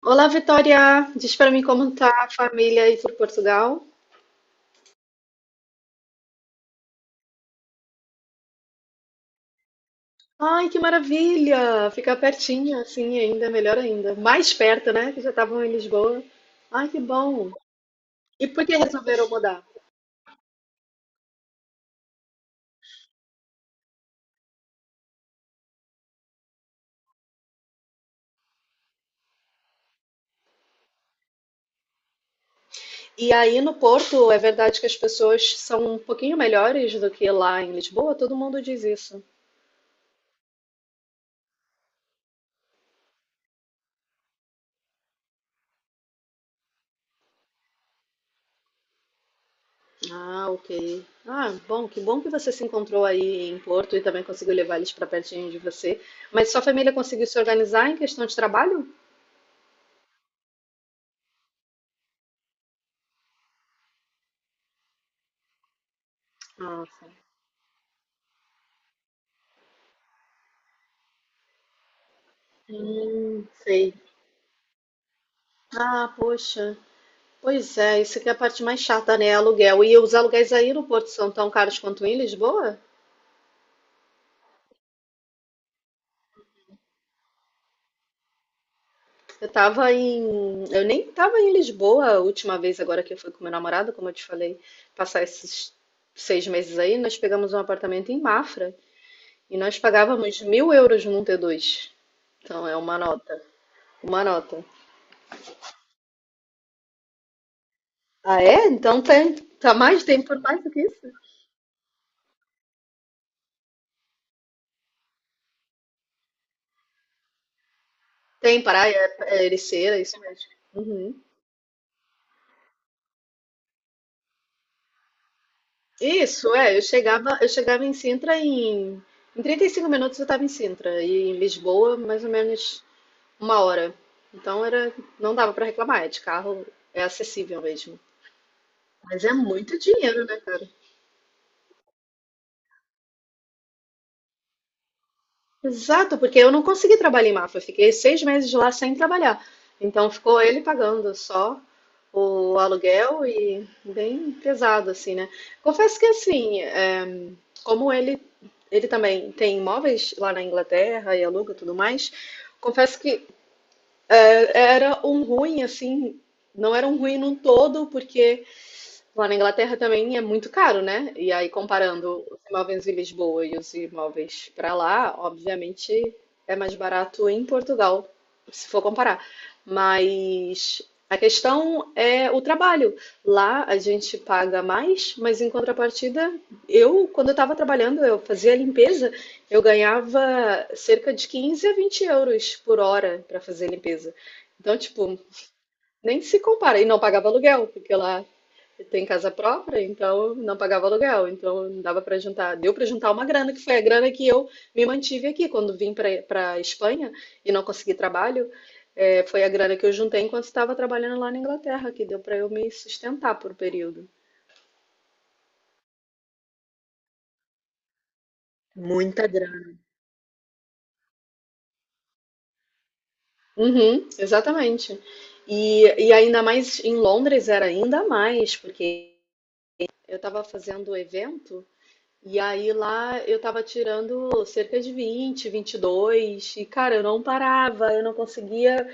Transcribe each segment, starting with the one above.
Olá, Vitória! Diz pra mim como tá a família aí por Portugal. Ai, que maravilha! Ficar pertinho, assim, ainda melhor ainda. Mais perto, né? Que já estavam em Lisboa. Ai, que bom! E por que resolveram mudar? E aí no Porto, é verdade que as pessoas são um pouquinho melhores do que lá em Lisboa? Todo mundo diz isso. Ah, ok. Ah, bom que você se encontrou aí em Porto e também conseguiu levar eles pra pertinho de você. Mas sua família conseguiu se organizar em questão de trabalho? Ah, hum, sei. Ah, poxa. Pois é, isso que é a parte mais chata, né? Aluguel. E os aluguéis aí no Porto são tão caros quanto em Lisboa? Eu tava em. Eu nem tava em Lisboa a última vez, agora que eu fui com meu namorado, como eu te falei, passar esses 6 meses aí, nós pegamos um apartamento em Mafra e nós pagávamos 1.000 euros num T2. Então é uma nota. Uma nota. Ah, é? Então tem. Tá mais, tem por mais do que isso? Tem praia, é Ericeira, isso mesmo. Uhum. Isso, é, eu chegava em Sintra em 35 minutos, eu estava em Sintra e em Lisboa mais ou menos uma hora. Então era, não dava para reclamar, é de carro, é acessível mesmo. Mas é muito dinheiro, né, cara? Exato, porque eu não consegui trabalhar em Mafra, eu fiquei 6 meses lá sem trabalhar. Então ficou ele pagando só o aluguel e bem pesado, assim, né? Confesso que assim, é, como ele também tem imóveis lá na Inglaterra e aluga e tudo mais, confesso que era um ruim, assim, não era um ruim num todo, porque. Lá na Inglaterra também é muito caro, né? E aí, comparando os imóveis de Lisboa e os imóveis para lá, obviamente é mais barato em Portugal, se for comparar. Mas a questão é o trabalho. Lá a gente paga mais, mas em contrapartida, quando eu estava trabalhando, eu fazia limpeza, eu ganhava cerca de 15 a 20 euros por hora para fazer limpeza. Então, tipo, nem se compara. E não pagava aluguel, porque lá tem casa própria, então não pagava aluguel, então não dava para juntar. Deu para juntar uma grana, que foi a grana que eu me mantive aqui. Quando vim para a Espanha e não consegui trabalho, foi a grana que eu juntei enquanto estava trabalhando lá na Inglaterra, que deu para eu me sustentar por um período. Muita grana. Uhum, exatamente. E ainda mais em Londres era ainda mais, porque eu estava fazendo evento. E aí lá eu tava tirando cerca de vinte, vinte e dois e cara, eu não parava, eu não conseguia,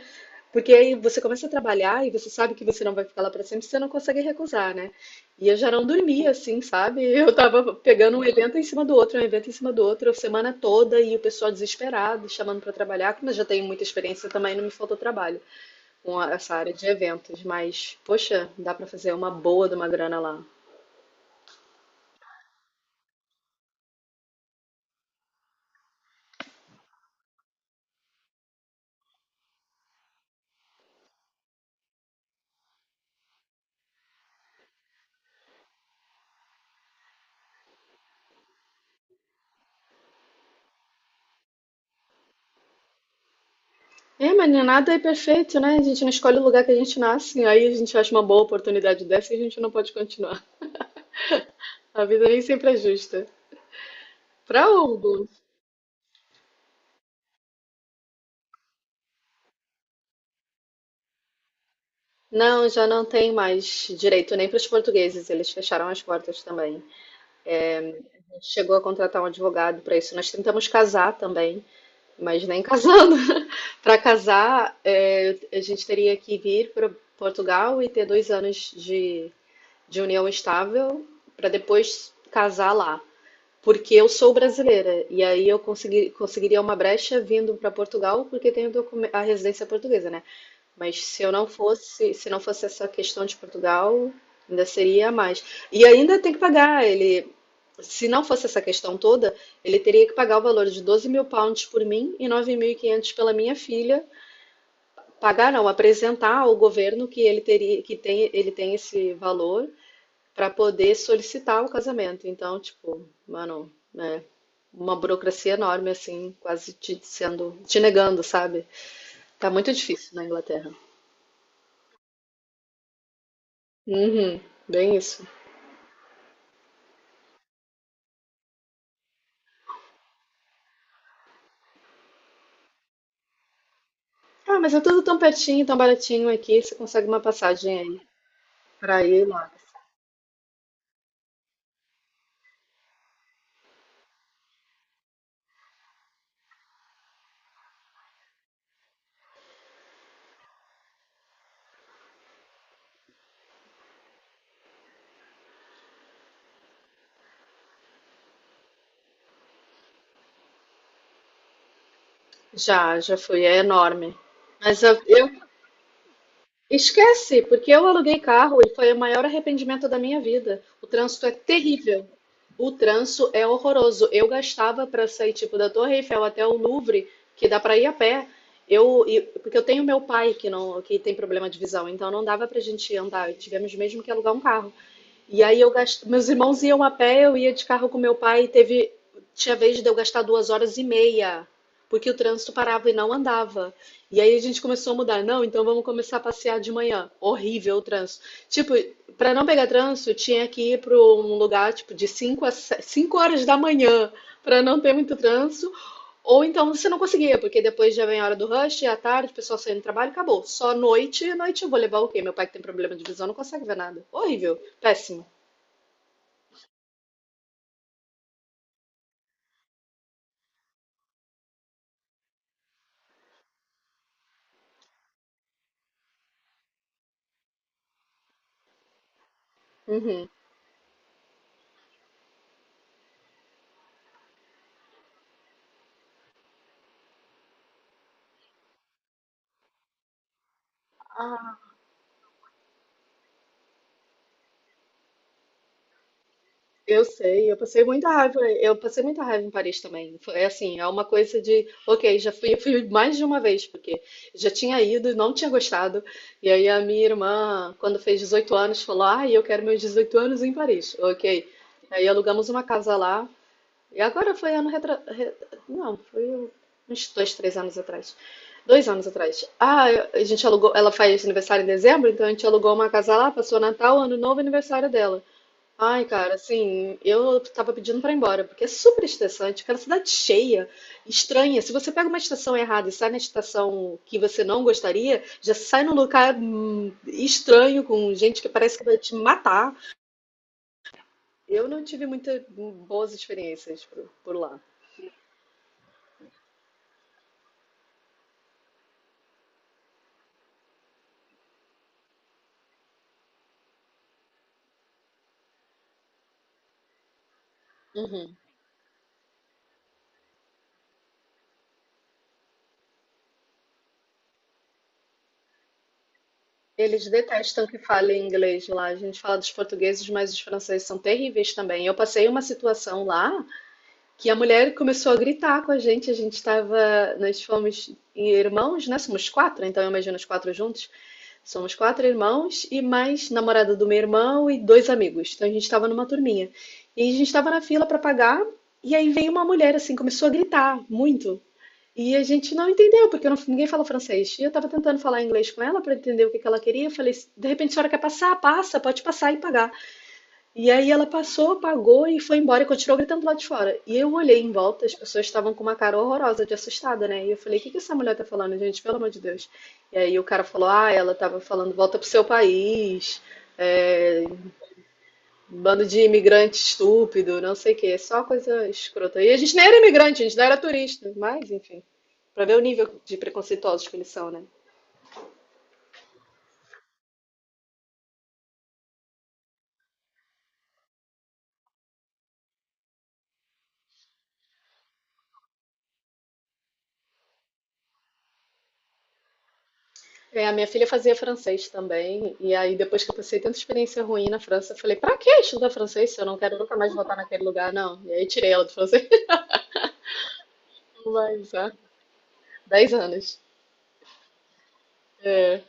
porque aí você começa a trabalhar e você sabe que você não vai ficar lá pra sempre, você não consegue recusar, né? E eu já não dormia assim, sabe? Eu tava pegando um evento em cima do outro, um evento em cima do outro, a semana toda, e o pessoal desesperado, chamando pra trabalhar, mas já tenho muita experiência também, não me faltou trabalho essa área de eventos, mas poxa, dá pra fazer uma boa de uma grana lá. É, mas nem nada é perfeito, né? A gente não escolhe o lugar que a gente nasce, aí a gente acha uma boa oportunidade dessa e a gente não pode continuar. A vida nem sempre é justa. Pra Hugo, não, já não tem mais direito nem para os portugueses, eles fecharam as portas também. A gente chegou a contratar um advogado para isso. Nós tentamos casar também, mas nem casando. Para casar, é, a gente teria que vir para Portugal e ter 2 anos de união estável para depois casar lá. Porque eu sou brasileira, e aí eu conseguiria uma brecha vindo para Portugal, porque tenho a residência portuguesa, né? Mas se não fosse essa questão de Portugal, ainda seria a mais. E ainda tem que pagar, ele, se não fosse essa questão toda, ele teria que pagar o valor de 12 mil pounds por mim e 9.500 pela minha filha. Pagar não, apresentar ao governo que ele teria, que tem, ele tem esse valor para poder solicitar o casamento. Então, tipo, mano, né? Uma burocracia enorme, assim, quase te sendo, te negando, sabe? Tá muito difícil na Inglaterra. Uhum, bem isso. Ah, mas é tudo tão pertinho, tão baratinho aqui, você consegue uma passagem aí pra ir lá. Já, já fui, é enorme. Mas eu Esquece, porque eu aluguei carro e foi o maior arrependimento da minha vida. O trânsito é terrível. O trânsito é horroroso. Eu gastava para sair tipo da Torre Eiffel até o Louvre, que dá para ir a pé. Porque eu tenho meu pai que não, que tem problema de visão, então não dava pra gente andar, tivemos mesmo que alugar um carro. E aí eu gastei, meus irmãos iam a pé, eu ia de carro com meu pai e teve, tinha vez de eu gastar 2 horas e meia, porque o trânsito parava e não andava. E aí a gente começou a mudar, não, então vamos começar a passear de manhã. Horrível o trânsito. Tipo, para não pegar trânsito, tinha que ir para um lugar tipo de 5 a 5 horas da manhã, para não ter muito trânsito, ou então você não conseguia, porque depois já vem a hora do rush, à tarde, o pessoal saindo do trabalho, acabou. Só noite, noite eu vou levar o quê? Meu pai que tem problema de visão não consegue ver nada. Horrível, péssimo. Uhum. Ah, eu sei, eu passei muita raiva, eu passei muita raiva em Paris também. Foi é assim, é uma coisa de, ok, já fui, eu fui mais de uma vez, porque já tinha ido e não tinha gostado. E aí a minha irmã, quando fez 18 anos, falou: "Ah, eu quero meus 18 anos em Paris". OK. Aí alugamos uma casa lá. E agora foi. Não, foi uns dois, três anos atrás. 2 anos atrás. Ah, a gente alugou. Ela faz aniversário em dezembro, então a gente alugou uma casa lá, passou Natal, Ano Novo e aniversário dela. Ai, cara, assim, eu tava pedindo pra ir embora, porque é super estressante, cara, cidade cheia, estranha. Se você pega uma estação errada e sai na estação que você não gostaria, já sai num lugar estranho, com gente que parece que vai te matar. Eu não tive muitas boas experiências por lá. Uhum. Eles detestam que fale inglês lá. A gente fala dos portugueses, mas os franceses são terríveis também. Eu passei uma situação lá que a mulher começou a gritar com a gente. A gente estava, nós fomos irmãos, né? Somos quatro, então eu imagino os quatro juntos. Somos quatro irmãos e mais namorada do meu irmão e dois amigos. Então a gente estava numa turminha. E a gente estava na fila para pagar e aí veio uma mulher assim, começou a gritar muito. E a gente não entendeu, porque ninguém fala francês. E eu estava tentando falar inglês com ela para entender o que ela queria. Eu falei, de repente a senhora quer passar? Passa, pode passar e pagar. E aí ela passou, pagou e foi embora e continuou gritando lá de fora. E eu olhei em volta, as pessoas estavam com uma cara horrorosa de assustada, né? E eu falei, o que que essa mulher tá falando, gente? Pelo amor de Deus. E aí o cara falou, ah, ela tava falando, volta pro seu país, é, bando de imigrante estúpido, não sei o quê, é só coisa escrota. E a gente nem era imigrante, a gente não era turista, mas enfim, pra ver o nível de preconceituosos que eles são, né? É, a minha filha fazia francês também, e aí depois que eu passei tanta experiência ruim na França, eu falei, pra que estudar francês se eu não quero nunca mais voltar naquele lugar, não? E aí tirei ela do francês, não vai usar. 10 anos. É,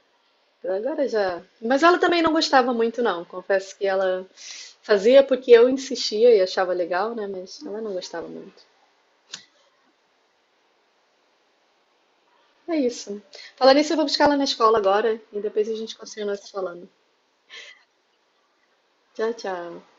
então agora já. Mas ela também não gostava muito, não. Confesso que ela fazia porque eu insistia e achava legal, né? Mas ela não gostava muito. É isso. Falar nisso, eu vou buscar ela na escola agora, e depois a gente continua se falando. Tchau, tchau.